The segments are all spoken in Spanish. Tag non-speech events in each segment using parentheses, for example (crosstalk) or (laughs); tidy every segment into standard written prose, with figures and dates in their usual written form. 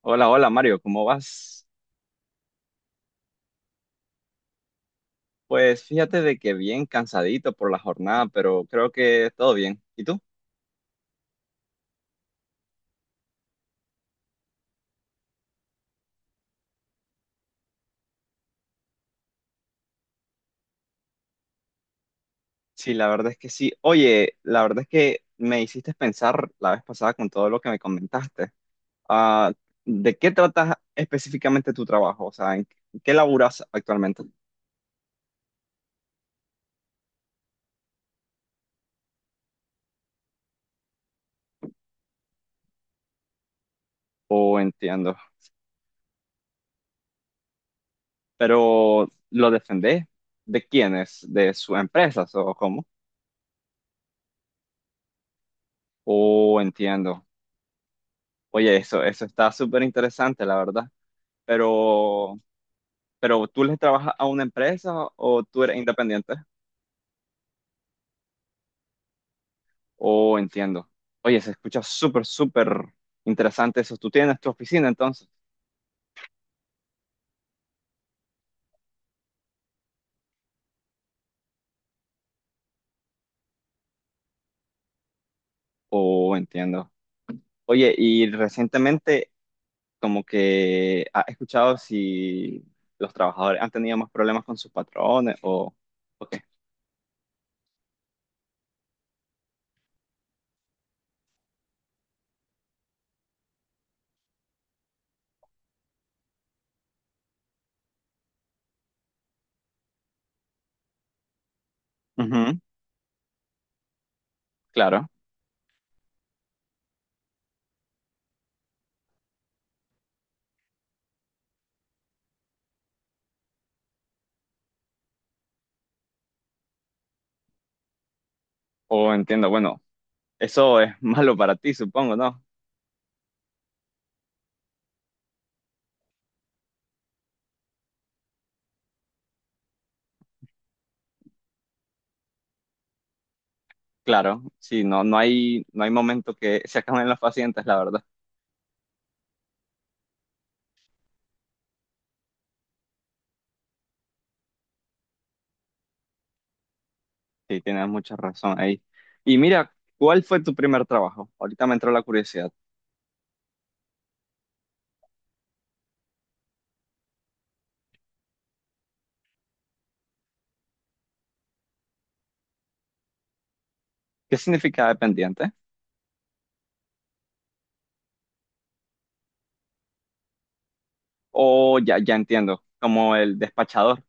Hola, Mario, ¿cómo vas? Pues fíjate de que bien cansadito por la jornada, pero creo que todo bien. ¿Y tú? Sí, la verdad es que sí. Oye, la verdad es que me hiciste pensar la vez pasada con todo lo que me comentaste. Ah, ¿De qué tratas específicamente tu trabajo? O sea, ¿en qué laburas actualmente? Oh, entiendo. Pero ¿lo defendés? ¿De quiénes? ¿De sus empresas o cómo? Oh, entiendo. Oye, eso está súper interesante, la verdad. Pero Pero tú le trabajas a una empresa o tú eres independiente. Oh, entiendo. Oye, se escucha súper interesante eso. ¿Tú tienes tu oficina entonces? Oh, entiendo. Oye, y recientemente como que has escuchado si los trabajadores han tenido más problemas con sus patrones o qué. Ujú, claro. Oh, entiendo. Bueno, eso es (laughs) malo para ti, supongo, ¿no? Claro. Sí, no, no hay momento que se acaben los pacientes, la verdad. Sí, tienes mucha razón ahí. Y mira, ¿cuál fue tu primer trabajo? Ahorita me entró la curiosidad. ¿Qué significa dependiente? O ya, ya entiendo, como el despachador.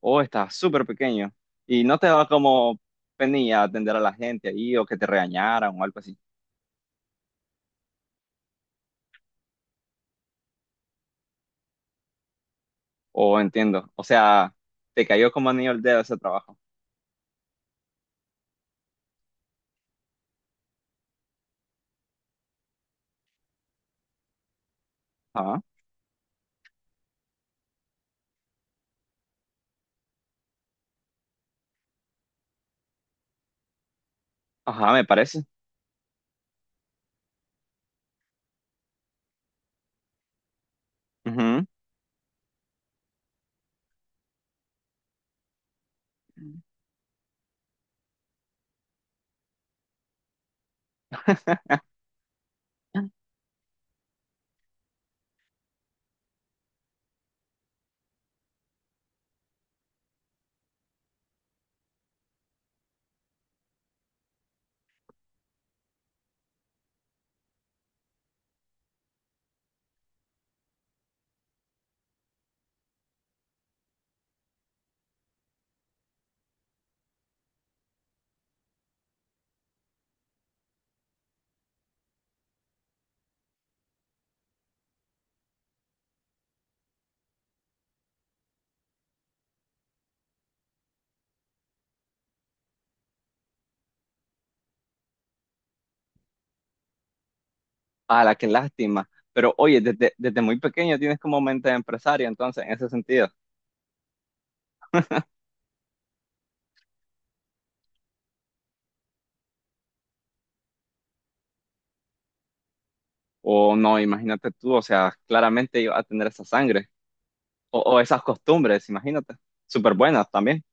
Oh, estás súper pequeño. Y no te daba como penilla atender a la gente ahí o que te regañaran o algo así. Oh, entiendo. O sea, te cayó como anillo al dedo ese trabajo. Ajá, ajá, me parece. Ujú. Ah, la qué lástima. Pero oye, desde muy pequeño tienes como mente de empresario, entonces, en ese sentido. O no, imagínate tú, o sea, claramente iba a tener esa sangre o esas costumbres, imagínate. Súper buenas también,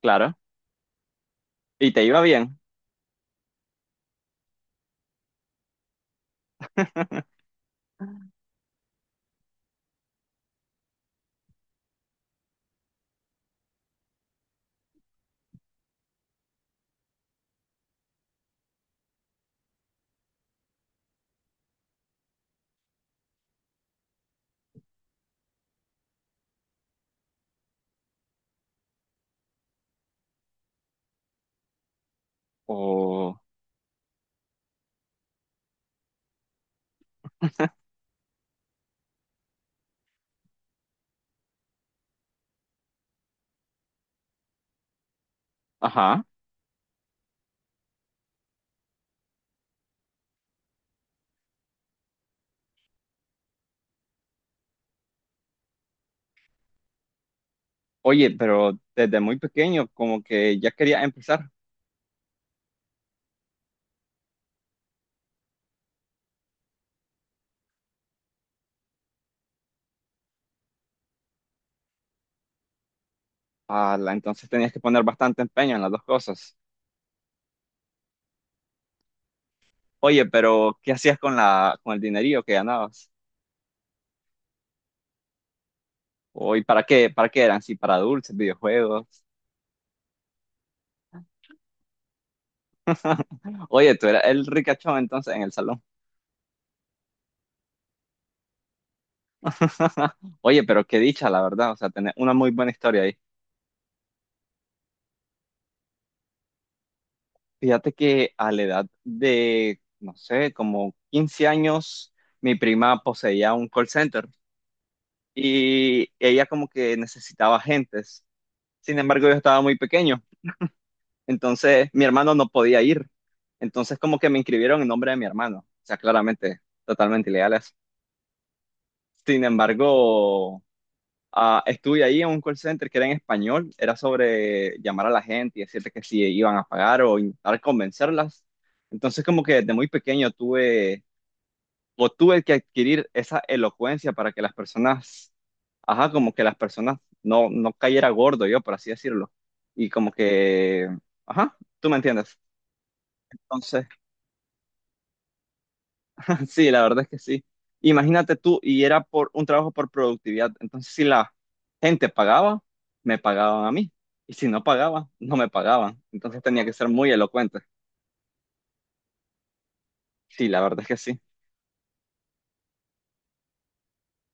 claro. Y te iba bien. (laughs) O, ajá. Oye, pero desde muy pequeño como que ya quería empezar. Ala, entonces tenías que poner bastante empeño en las dos cosas. Oye, pero ¿qué hacías con la, con el dinerillo que ganabas? Oye, ¿para qué eran? Sí, para dulces, videojuegos. (laughs) Oye, tú eras el ricachón entonces en el salón. (laughs) Oye, pero qué dicha, la verdad, o sea, tener una muy buena historia ahí. Fíjate que a la edad de, no sé, como 15 años, mi prima poseía un call center y ella como que necesitaba agentes. Sin embargo, yo estaba muy pequeño, entonces mi hermano no podía ir. Entonces como que me inscribieron en nombre de mi hermano, o sea, claramente, totalmente ilegales. Sin embargo, ah, estuve ahí en un call center que era en español, era sobre llamar a la gente y decirte que si iban a pagar o intentar convencerlas. Entonces, como que desde muy pequeño tuve o tuve que adquirir esa elocuencia para que las personas, ajá, como que las personas no cayera gordo yo, por así decirlo. Y como que, ajá, tú me entiendes. Entonces, sí, la verdad es que sí. Imagínate tú, y era por un trabajo por productividad. Entonces, si la gente pagaba, me pagaban a mí. Y si no pagaba, no me pagaban. Entonces tenía que ser muy elocuente. Sí, la verdad es que sí.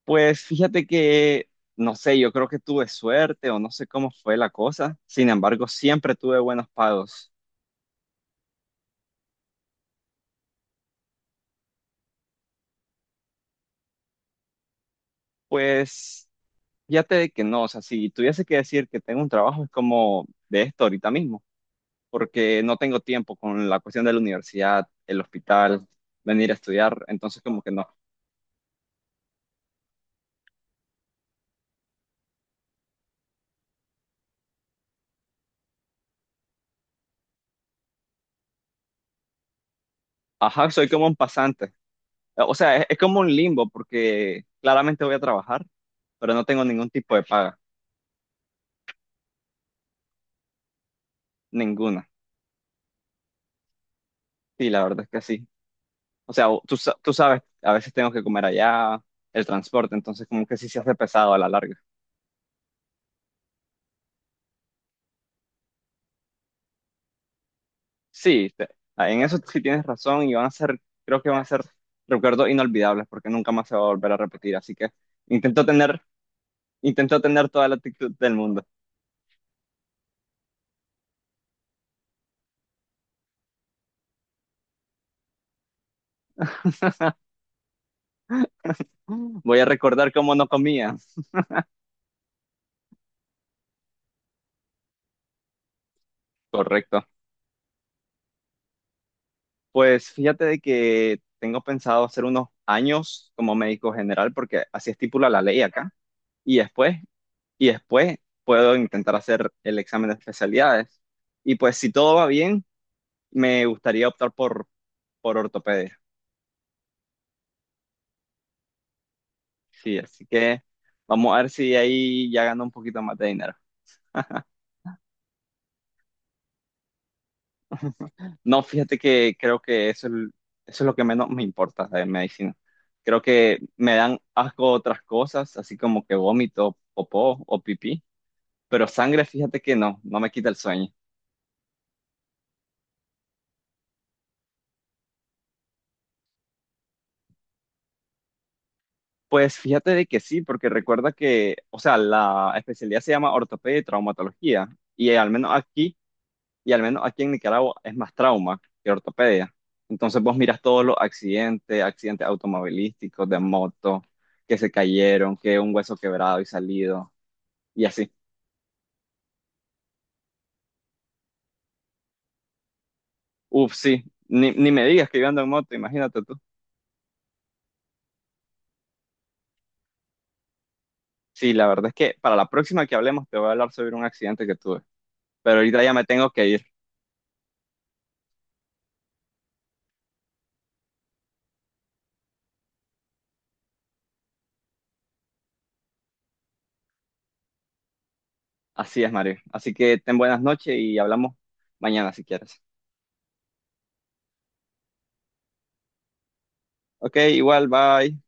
Pues fíjate que, no sé, yo creo que tuve suerte o no sé cómo fue la cosa. Sin embargo, siempre tuve buenos pagos. Pues fíjate que no, o sea, si tuviese que decir que tengo un trabajo, es como de esto ahorita mismo, porque no tengo tiempo con la cuestión de la universidad, el hospital, venir a estudiar, entonces como que no. Ajá, soy como un pasante. O sea, es como un limbo porque claramente voy a trabajar, pero no tengo ningún tipo de paga, ninguna. Sí, la verdad es que sí. O sea, tú sabes, a veces tengo que comer allá, el transporte, entonces como que sí se hace pesado a la larga. Sí, en eso sí tienes razón y van a creo que van a ser recuerdos inolvidables porque nunca más se va a volver a repetir, así que intento tener intento tener toda la actitud del mundo. (laughs) Voy a recordar cómo no comía. Correcto. Pues fíjate de que tengo pensado hacer unos años como médico general porque así estipula la ley acá. Y después, y después puedo intentar hacer el examen de especialidades. Y pues si todo va bien, me gustaría optar por ortopedia. Sí, así que vamos a ver si ahí ya gano un poquito más de dinero. No, fíjate que creo que eso es lo que menos me importa de medicina. Creo que me dan asco otras cosas, así como que vómito, popó o pipí, pero sangre, fíjate que no, no me quita el sueño. Pues fíjate de que sí, porque recuerda que, o sea, la especialidad se llama ortopedia y traumatología, y al menos aquí, y al menos aquí en Nicaragua es más trauma que ortopedia. Entonces vos miras todos los accidentes automovilísticos, de moto, que se cayeron, que un hueso quebrado y salido y así. Uf, sí, ni me digas que yo ando en moto, imagínate tú. Sí, la verdad es que para la próxima que hablemos te voy a hablar sobre un accidente que tuve, pero ahorita ya me tengo que ir. Así es, Mario. Así que ten buenas noches y hablamos mañana si quieres. Ok, igual, bye.